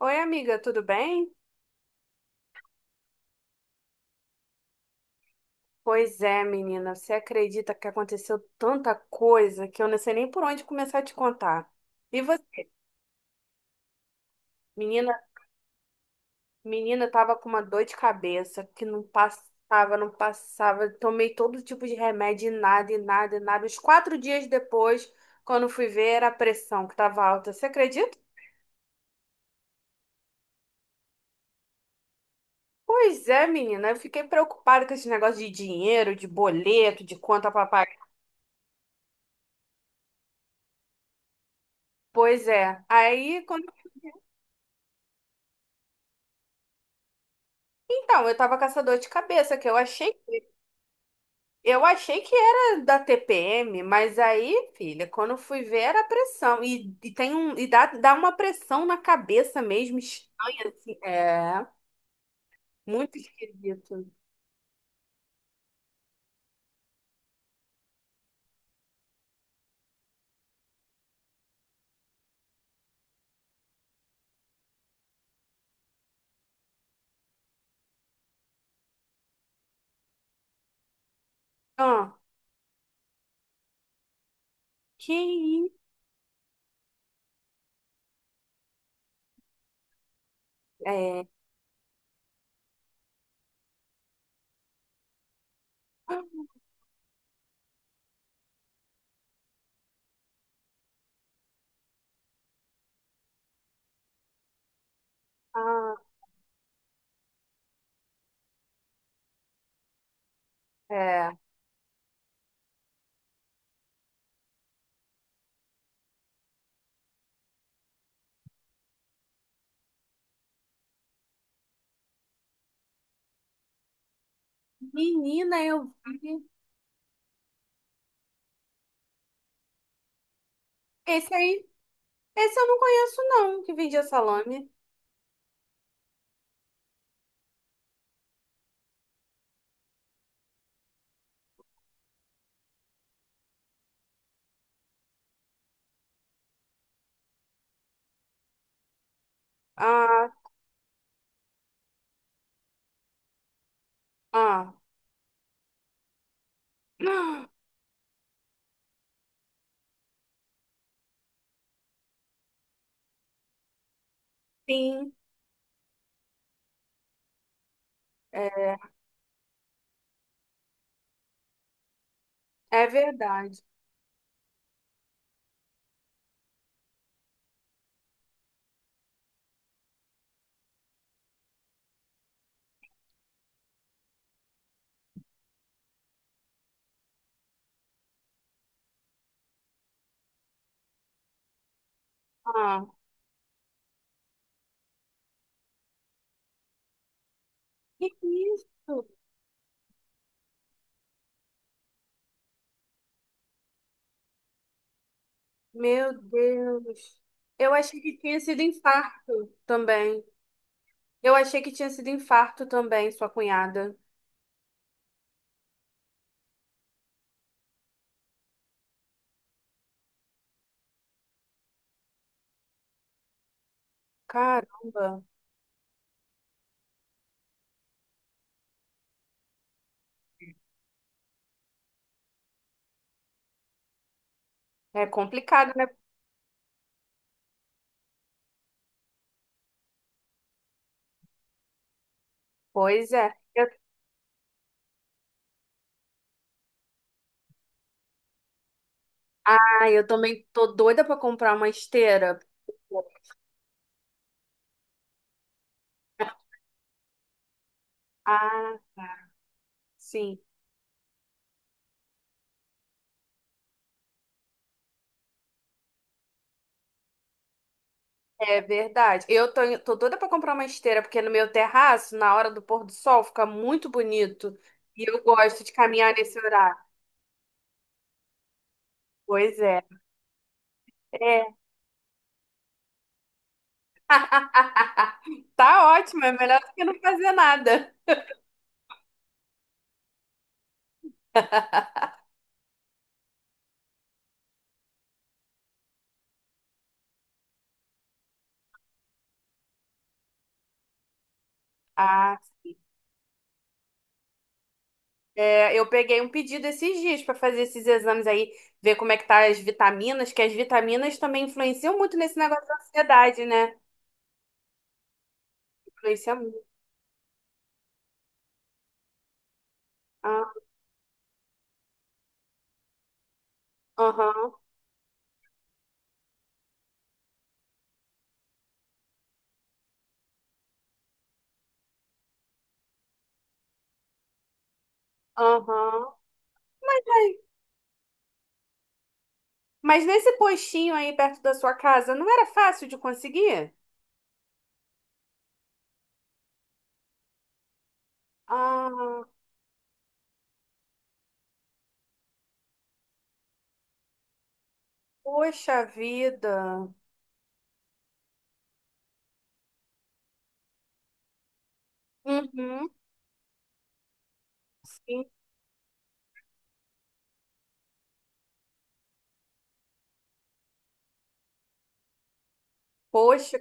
Oi, amiga, tudo bem? Pois é, menina, você acredita que aconteceu tanta coisa que eu não sei nem por onde começar a te contar. E você, menina, menina tava com uma dor de cabeça que não passava, não passava. Tomei todo tipo de remédio e nada, e nada, e nada. Os quatro dias depois, quando fui ver, era a pressão que tava alta. Você acredita? Pois é, menina, eu fiquei preocupada com esse negócio de dinheiro, de boleto, de conta pra pagar. Pois é. Aí, quando Então, eu tava caçador de cabeça, que eu achei que era da TPM, mas aí, filha, quando eu fui ver era pressão. E tem um, e dá, dá uma pressão na cabeça mesmo, estranha, assim. É, muito esquisito. Ah, que isso? É, ah, é. Menina, eu vi. Esse aí, esse eu não conheço, não, que vendia salame. Ah, ah. Sim, é é verdade. Ah, que isso? Meu Deus. Eu achei que tinha sido infarto também. Eu achei que tinha sido infarto também, sua cunhada. Caramba. É complicado, né? Pois é. Eu, ah, eu também tô doida pra comprar uma esteira. Ah, tá, sim. É verdade. Eu tô doida pra comprar uma esteira, porque no meu terraço, na hora do pôr do sol, fica muito bonito. E eu gosto de caminhar nesse horário. Pois é. É. Tá ótimo, é melhor do que não fazer nada. Ah. É, eu peguei um pedido esses dias para fazer esses exames aí, ver como é que tá as vitaminas, que as vitaminas também influenciam muito nesse negócio da ansiedade, né? Influencia muito. Ah, aham, aham. Ai, mas nesse postinho aí perto da sua casa, não era fácil de conseguir? Ah, poxa vida. Uhum, sim. Poxa.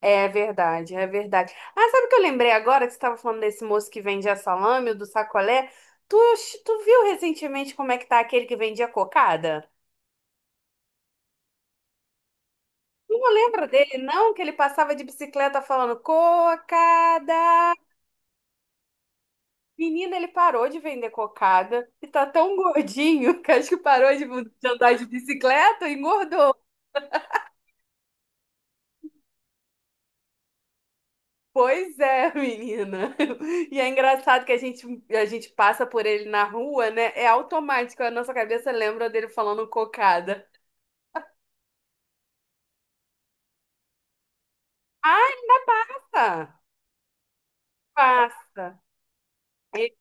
É verdade, é verdade. Ah, sabe o que eu lembrei agora que você estava falando desse moço que vendia salame, o do sacolé? Tu, tu viu recentemente como é que tá aquele que vendia cocada? Tu não lembra dele, não? Que ele passava de bicicleta falando cocada. Menina, ele parou de vender cocada e tá tão gordinho que acho que parou de andar de bicicleta e engordou. Pois é, menina. E é engraçado que a gente passa por ele na rua, né? É automático, a nossa cabeça lembra dele falando cocada. Passa, passa. E-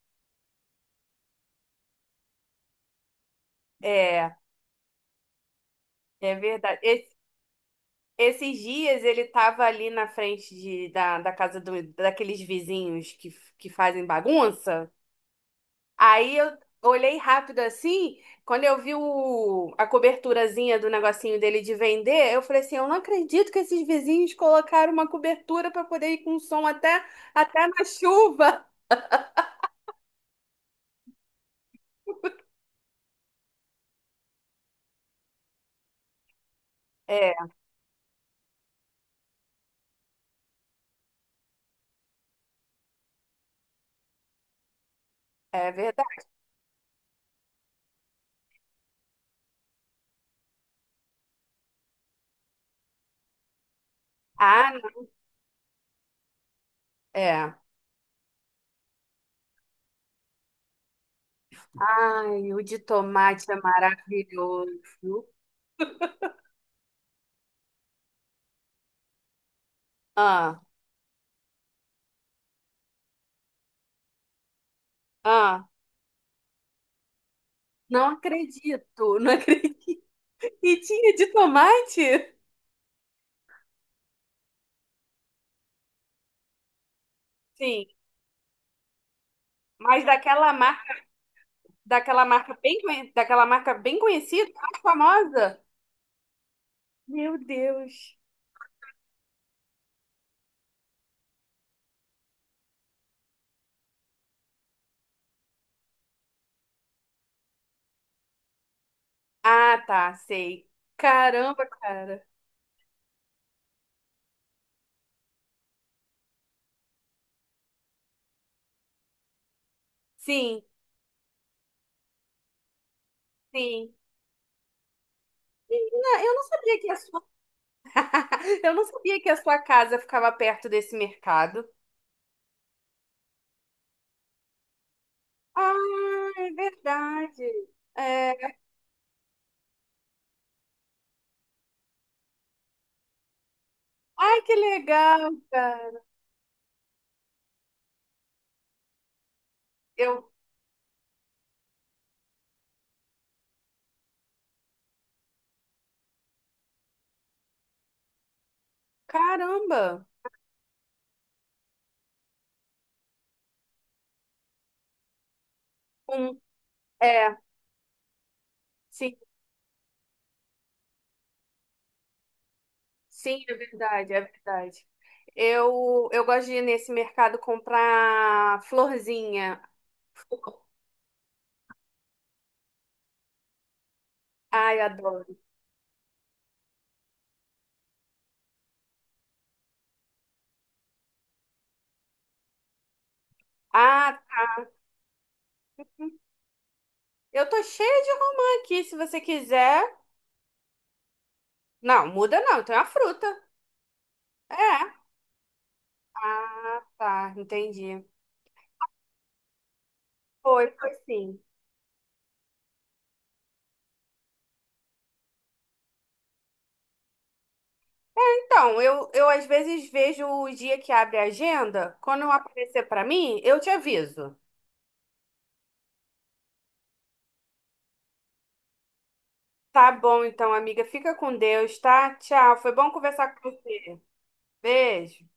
é, é verdade. Es- esses dias ele tava ali na frente da casa do, daqueles vizinhos que fazem bagunça. Aí eu olhei rápido assim, quando eu vi o, a coberturazinha do negocinho dele de vender, eu falei assim, eu não acredito que esses vizinhos colocaram uma cobertura para poder ir com som até, até na chuva. É, é verdade. Ah, é. Ai, o de tomate é maravilhoso. Ah, ah, não acredito, não acredito. E tinha de tomate? Sim, mas daquela marca bem, conhe- daquela marca bem conhecida, mais famosa. Meu Deus. Ah, tá, sei. Caramba, cara. Sim, sim. Menina, eu não sabia que a sua... eu não sabia que a sua casa ficava perto desse mercado. Ah, é verdade. É... Ai, que legal, cara. Eu, caramba. Um... É, sim, sim, é verdade, é verdade. Eu gosto de ir nesse mercado comprar florzinha. Ai, adoro. Ah, eu tô cheia de romã aqui, se você quiser. Não, muda não, tem uma fruta. É. Ah, tá, entendi. Foi, foi sim. Então, eu às vezes vejo o dia que abre a agenda. Quando aparecer pra mim, eu te aviso. Tá bom, então, amiga. Fica com Deus, tá? Tchau. Foi bom conversar com você. Beijo.